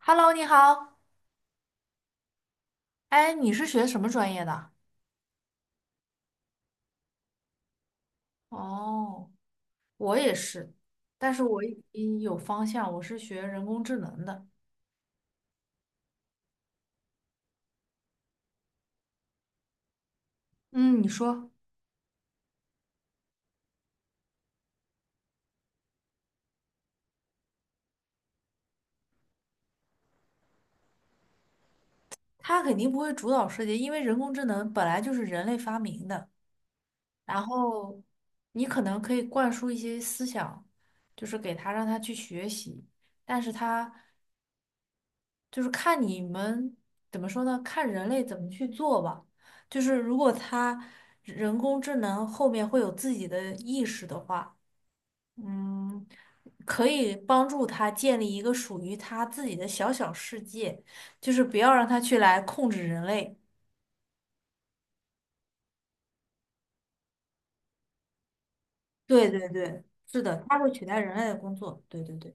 Hello，你好。哎，你是学什么专业的？哦，我也是，但是我已经有方向，我是学人工智能的。嗯，你说。他肯定不会主导世界，因为人工智能本来就是人类发明的。然后，你可能可以灌输一些思想，就是给他让他去学习，但是他。就是看你们怎么说呢？看人类怎么去做吧。就是如果他人工智能后面会有自己的意识的话，嗯，可以帮助他建立一个属于他自己的小小世界，就是不要让他去来控制人类。对对对，是的，他会取代人类的工作。对对对。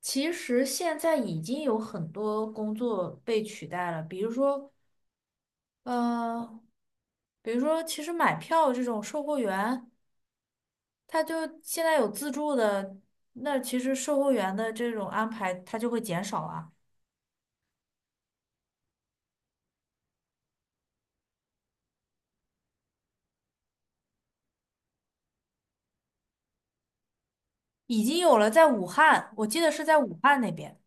其实现在已经有很多工作被取代了，比如说，呃，比如说，其实买票这种售货员。他就现在有自助的，那其实售货员的这种安排，他就会减少啊。已经有了，在武汉，我记得是在武汉那边。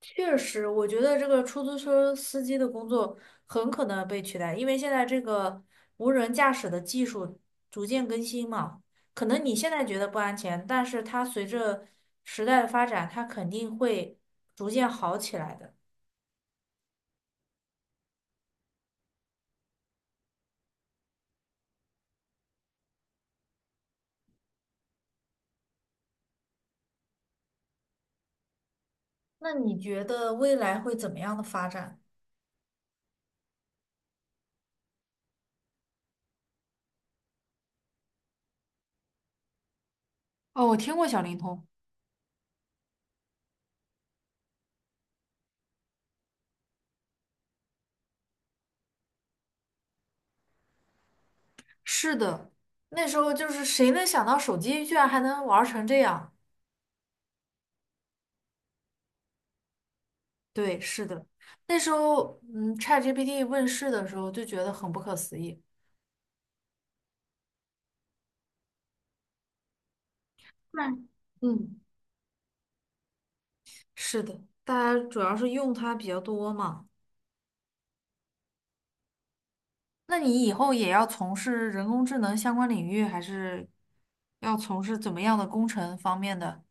确实，我觉得这个出租车司机的工作很可能被取代，因为现在这个无人驾驶的技术逐渐更新嘛。可能你现在觉得不安全，但是它随着时代的发展，它肯定会逐渐好起来的。那你觉得未来会怎么样的发展？哦，我听过小灵通。是的，那时候就是谁能想到手机居然还能玩儿成这样？对，是的，那时候嗯，ChatGPT 问世的时候就觉得很不可思议。对，嗯，是的，大家主要是用它比较多嘛。那你以后也要从事人工智能相关领域，还是要从事怎么样的工程方面的？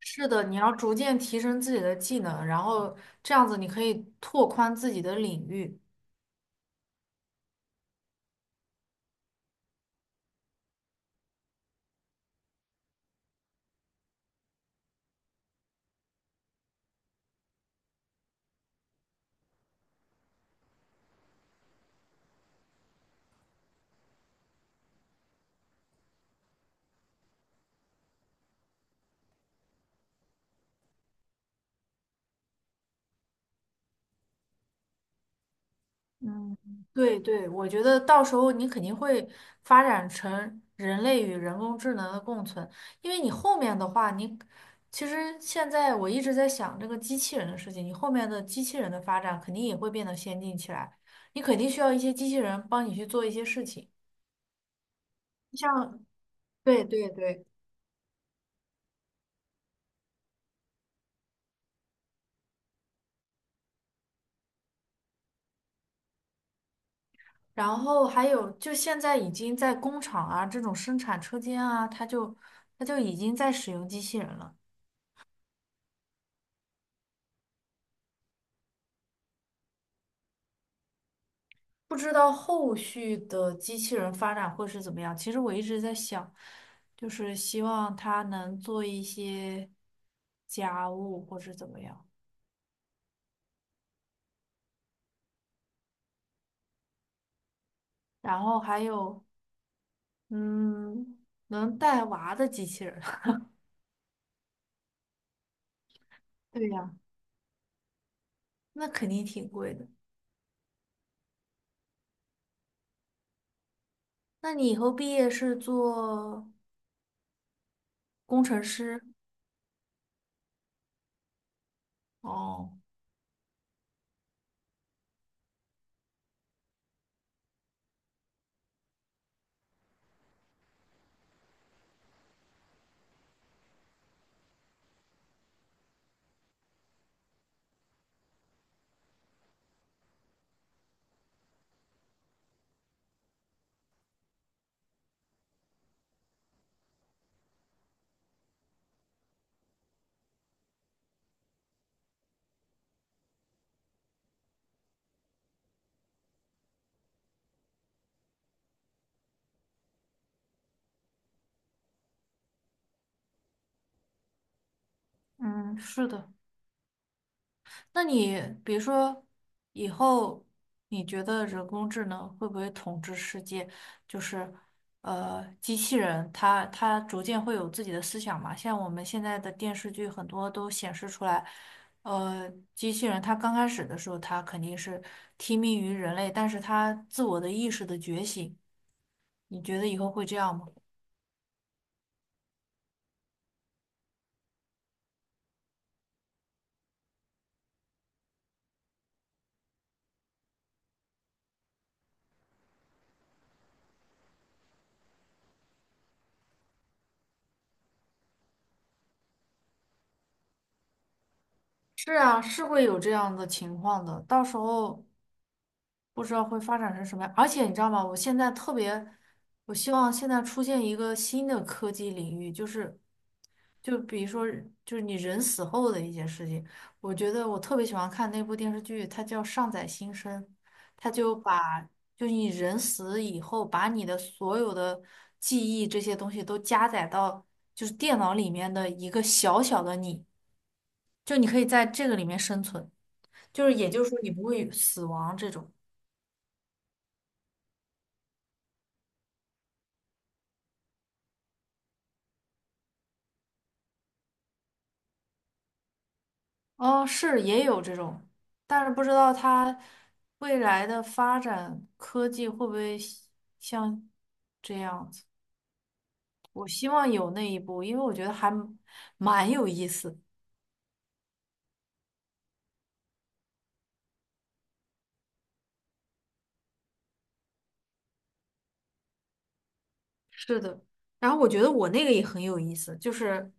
是的，你要逐渐提升自己的技能，然后这样子你可以拓宽自己的领域。嗯，对对，我觉得到时候你肯定会发展成人类与人工智能的共存，因为你后面的话，其实现在我一直在想这个机器人的事情，你后面的机器人的发展肯定也会变得先进起来，你肯定需要一些机器人帮你去做一些事情，像对对对，然后还有就现在已经在工厂啊这种生产车间啊，它就已经在使用机器人了。不知道后续的机器人发展会是怎么样。其实我一直在想，就是希望它能做一些家务或是怎么样，然后还有，嗯，能带娃的机器人。对呀，那肯定挺贵的。那你以后毕业是做工程师？哦，嗯，是的。那你比如说以后，你觉得人工智能会不会统治世界？就是机器人它逐渐会有自己的思想嘛？像我们现在的电视剧很多都显示出来，呃，机器人它刚开始的时候，它肯定是听命于人类，但是它自我的意识的觉醒，你觉得以后会这样吗？是啊，是会有这样的情况的，到时候。不知道会发展成什么样。而且你知道吗？我现在特别，我希望现在出现一个新的科技领域，就是，就比如说，就是你人死后的一些事情。我觉得我特别喜欢看那部电视剧，它叫《上载新生》，它就把就是你人死以后，把你的所有的记忆这些东西都加载到就是电脑里面的一个小小的你，就你可以在这个里面生存，就是也就是说你不会死亡这种。哦，是也有这种，但是不知道它未来的发展科技会不会像这样子。我希望有那一步，因为我觉得还蛮有意思的。是的，然后我觉得我那个也很有意思，就是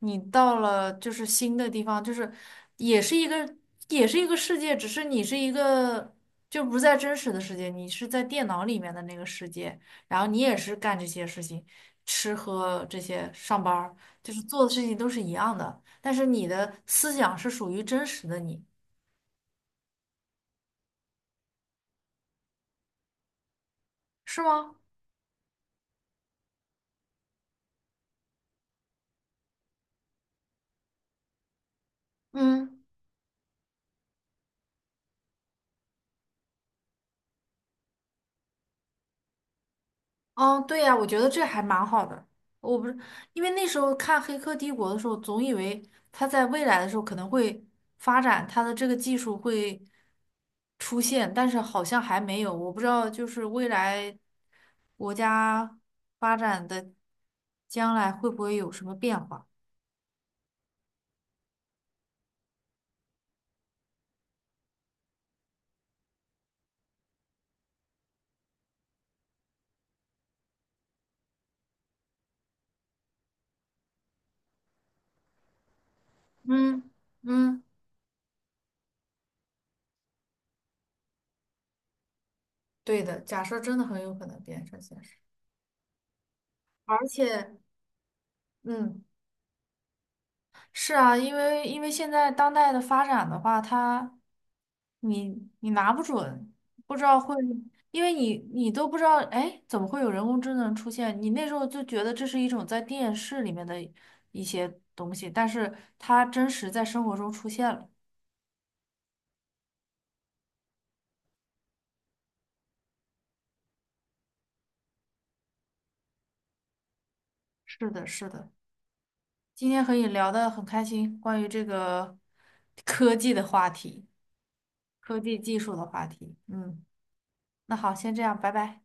你到了就是新的地方，就是也是一个也是一个世界，只是你是一个就不在真实的世界，你是在电脑里面的那个世界，然后你也是干这些事情，吃喝这些，上班儿就是做的事情都是一样的，但是你的思想是属于真实的你，是吗？嗯。哦，对呀，我觉得这还蛮好的。我不是因为那时候看《黑客帝国》的时候，总以为它在未来的时候可能会发展它的这个技术会出现，但是好像还没有。我不知道，就是未来国家发展的将来会不会有什么变化？嗯嗯，对的，假设真的很有可能变成现实，而且嗯。是啊，因为现在当代的发展的话，它你拿不准，不知道会，因为你都不知道，哎，怎么会有人工智能出现？你那时候就觉得这是一种在电视里面的一些东西，但是它真实在生活中出现了。是的，是的，今天和你聊得很开心，关于这个科技的话题，科技技术的话题。嗯，那好，先这样，拜拜。